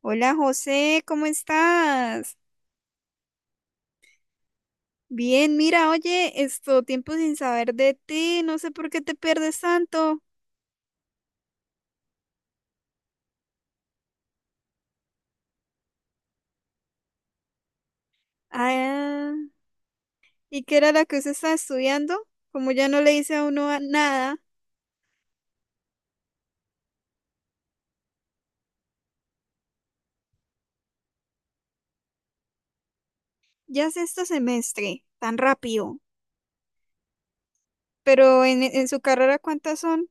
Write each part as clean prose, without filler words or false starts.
Hola José, ¿cómo estás? Bien, mira, oye, esto tiempo sin saber de ti, no sé por qué te pierdes tanto. Ah, ¿y qué era la que usted estaba estudiando? Como ya no le dice a uno nada, ya es este semestre, tan rápido. Pero en su carrera, ¿cuántas son?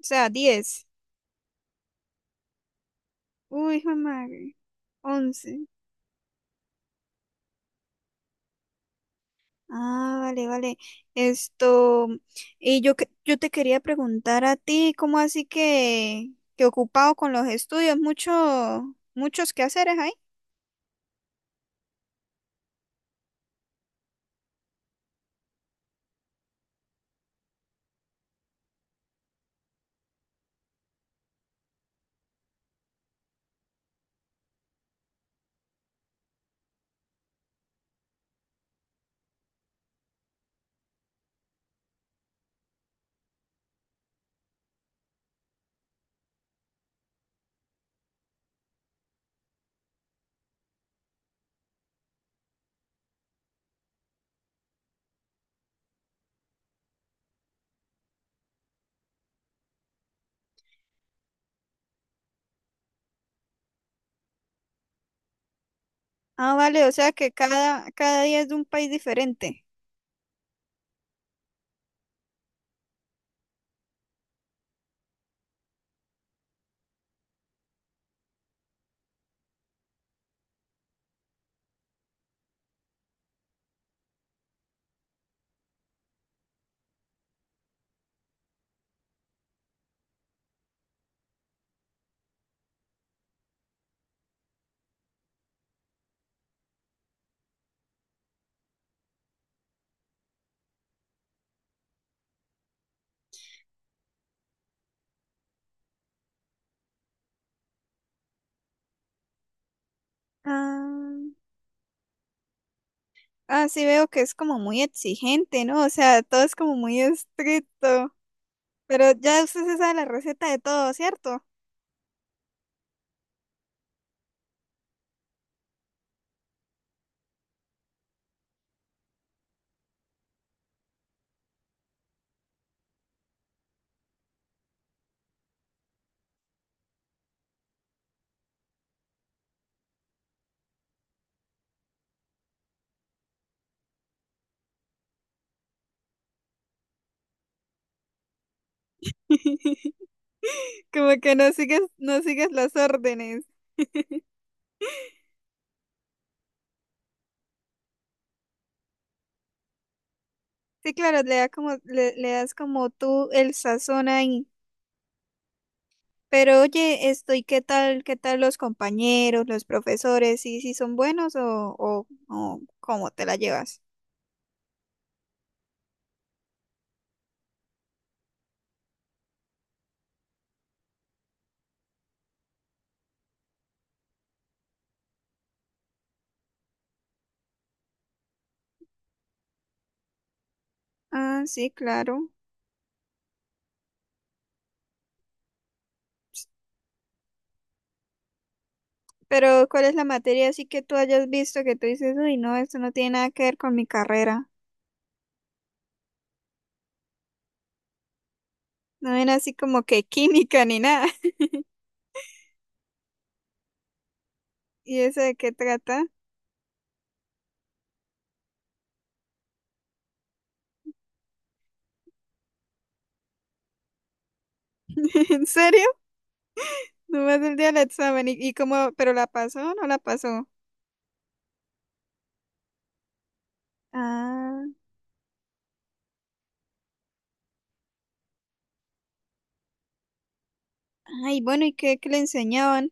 O sea, 10. Uy, hijo de madre, 11. Ah, vale, vale. Esto, y yo, yo te quería preguntar a ti, ¿cómo así que ocupado con los estudios? Mucho, muchos quehaceres ahí. Ah, vale, o sea que cada día es de un país diferente. Ah, ah, sí veo que es como muy exigente, ¿no? O sea, todo es como muy estricto. Pero ya usted se sabe la receta de todo, ¿cierto? Como que no sigues, no sigues las órdenes. Sí, claro, le da como, le das como tú el sazón ahí. Pero oye, estoy, qué tal los compañeros, los profesores? ¿Sí, sí son buenos o cómo te la llevas? Ah, sí, claro. Pero ¿cuál es la materia así que tú hayas visto que tú dices, uy, no, esto no tiene nada que ver con mi carrera? No ven así como que química ni nada. ¿Y eso de qué trata? ¿En serio? Nomás el día del examen. Y cómo, pero la pasó o no la pasó? Ah. Ay, bueno, ¿y qué, qué le enseñaban?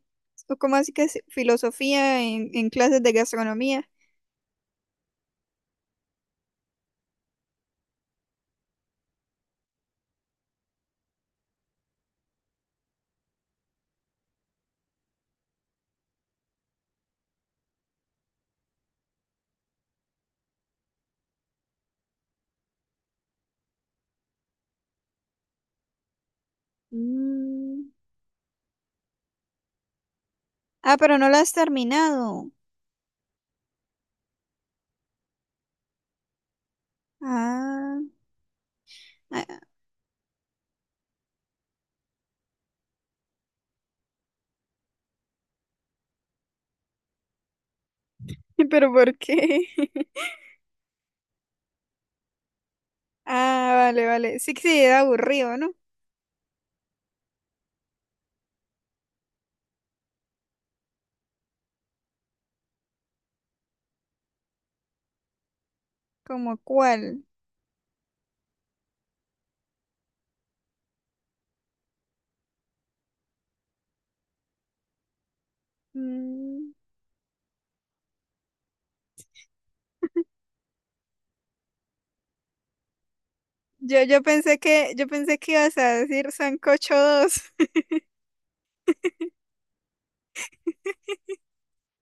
¿O cómo así que es filosofía en clases de gastronomía? Mm. Ah, pero no la has terminado. Ah, ah, pero ¿por qué? Ah, vale, vale. Sí que sí, era aburrido, ¿no? ¿Como cuál? Mm, Yo, yo pensé que ibas a decir sancocho 2.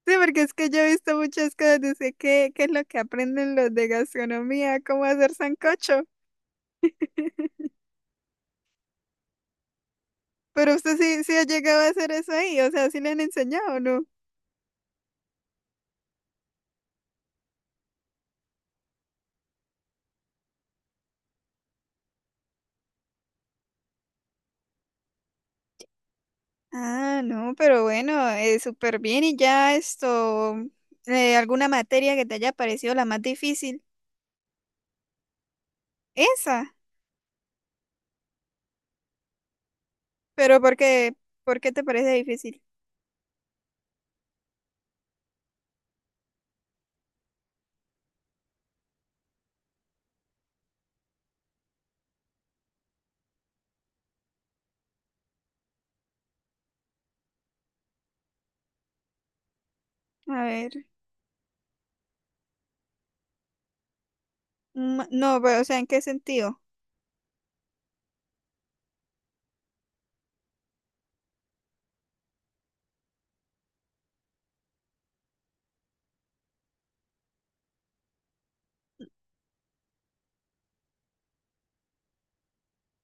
Sí, porque es que yo he visto muchas cosas, de sé ¿qué, qué es lo que aprenden los de gastronomía? ¿Cómo hacer sancocho? Pero usted sí, sí ha llegado a hacer eso ahí, o sea, sí le han enseñado, ¿no? Ah, no, pero bueno, súper bien y ya esto, alguna materia que te haya parecido la más difícil, esa, pero por qué te parece difícil? A ver, mm, no, pero, o sea, ¿en qué sentido?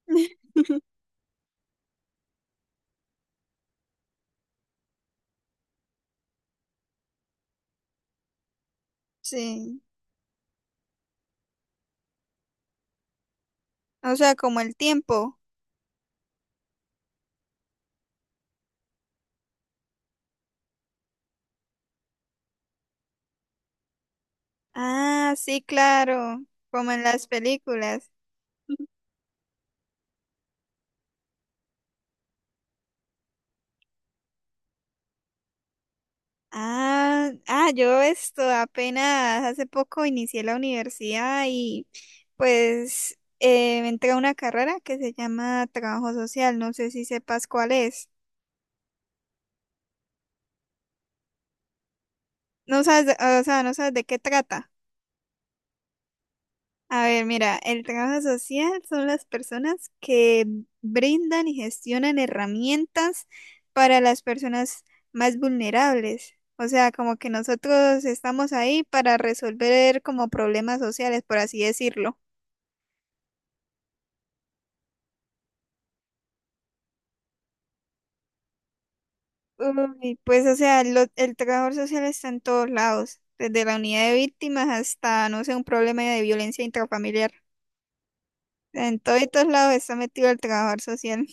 Sí, o sea, como el tiempo. Ah, sí, claro, como en las películas. Ah, ah, yo esto apenas hace poco inicié la universidad y pues me entré a una carrera que se llama trabajo social. No sé si sepas cuál es. No sabes, o sea, no sabes de qué trata. A ver, mira, el trabajo social son las personas que brindan y gestionan herramientas para las personas más vulnerables. O sea, como que nosotros estamos ahí para resolver como problemas sociales, por así decirlo. Uy, pues, o sea, el trabajador social está en todos lados, desde la unidad de víctimas hasta, no sé, un problema de violencia intrafamiliar. En todo y todos lados está metido el trabajador social.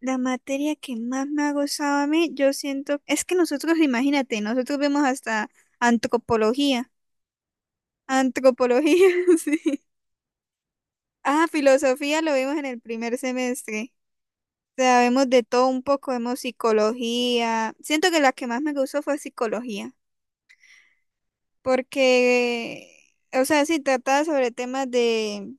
La materia que más me ha gustado a mí, yo siento, es que nosotros, imagínate, nosotros vemos hasta antropología. Antropología, sí. Ah, filosofía lo vimos en el primer semestre. O sea, vemos de todo un poco, vemos psicología. Siento que la que más me gustó fue psicología, porque, o sea, sí trata sobre temas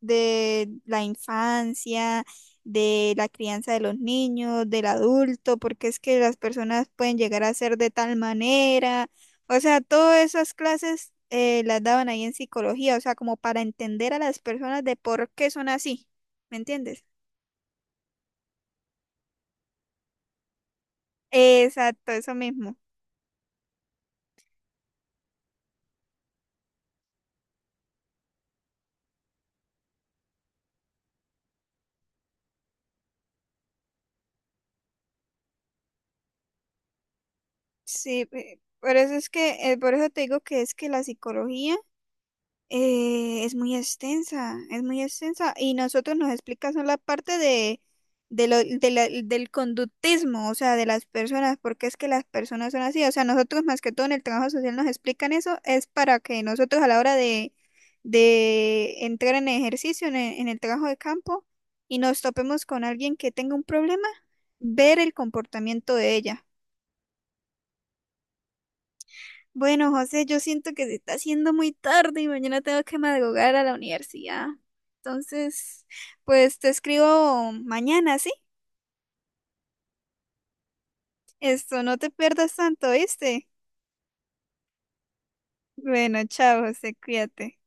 de la infancia, de la crianza de los niños, del adulto, porque es que las personas pueden llegar a ser de tal manera, o sea, todas esas clases las daban ahí en psicología, o sea, como para entender a las personas de por qué son así, ¿me entiendes? Exacto, eso mismo. Sí, por eso es que, por eso te digo que es que la psicología, eh, es muy extensa, es muy extensa. Y nosotros nos explica solo la parte de lo, del conductismo, o sea, de las personas, porque es que las personas son así. O sea, nosotros más que todo en el trabajo social nos explican eso, es para que nosotros a la hora de entrar en ejercicio, en el trabajo de campo, y nos topemos con alguien que tenga un problema, ver el comportamiento de ella. Bueno, José, yo siento que se está haciendo muy tarde y mañana tengo que madrugar a la universidad. Entonces, pues te escribo mañana, ¿sí? Esto, no te pierdas tanto, ¿viste? Bueno, chao, José, cuídate.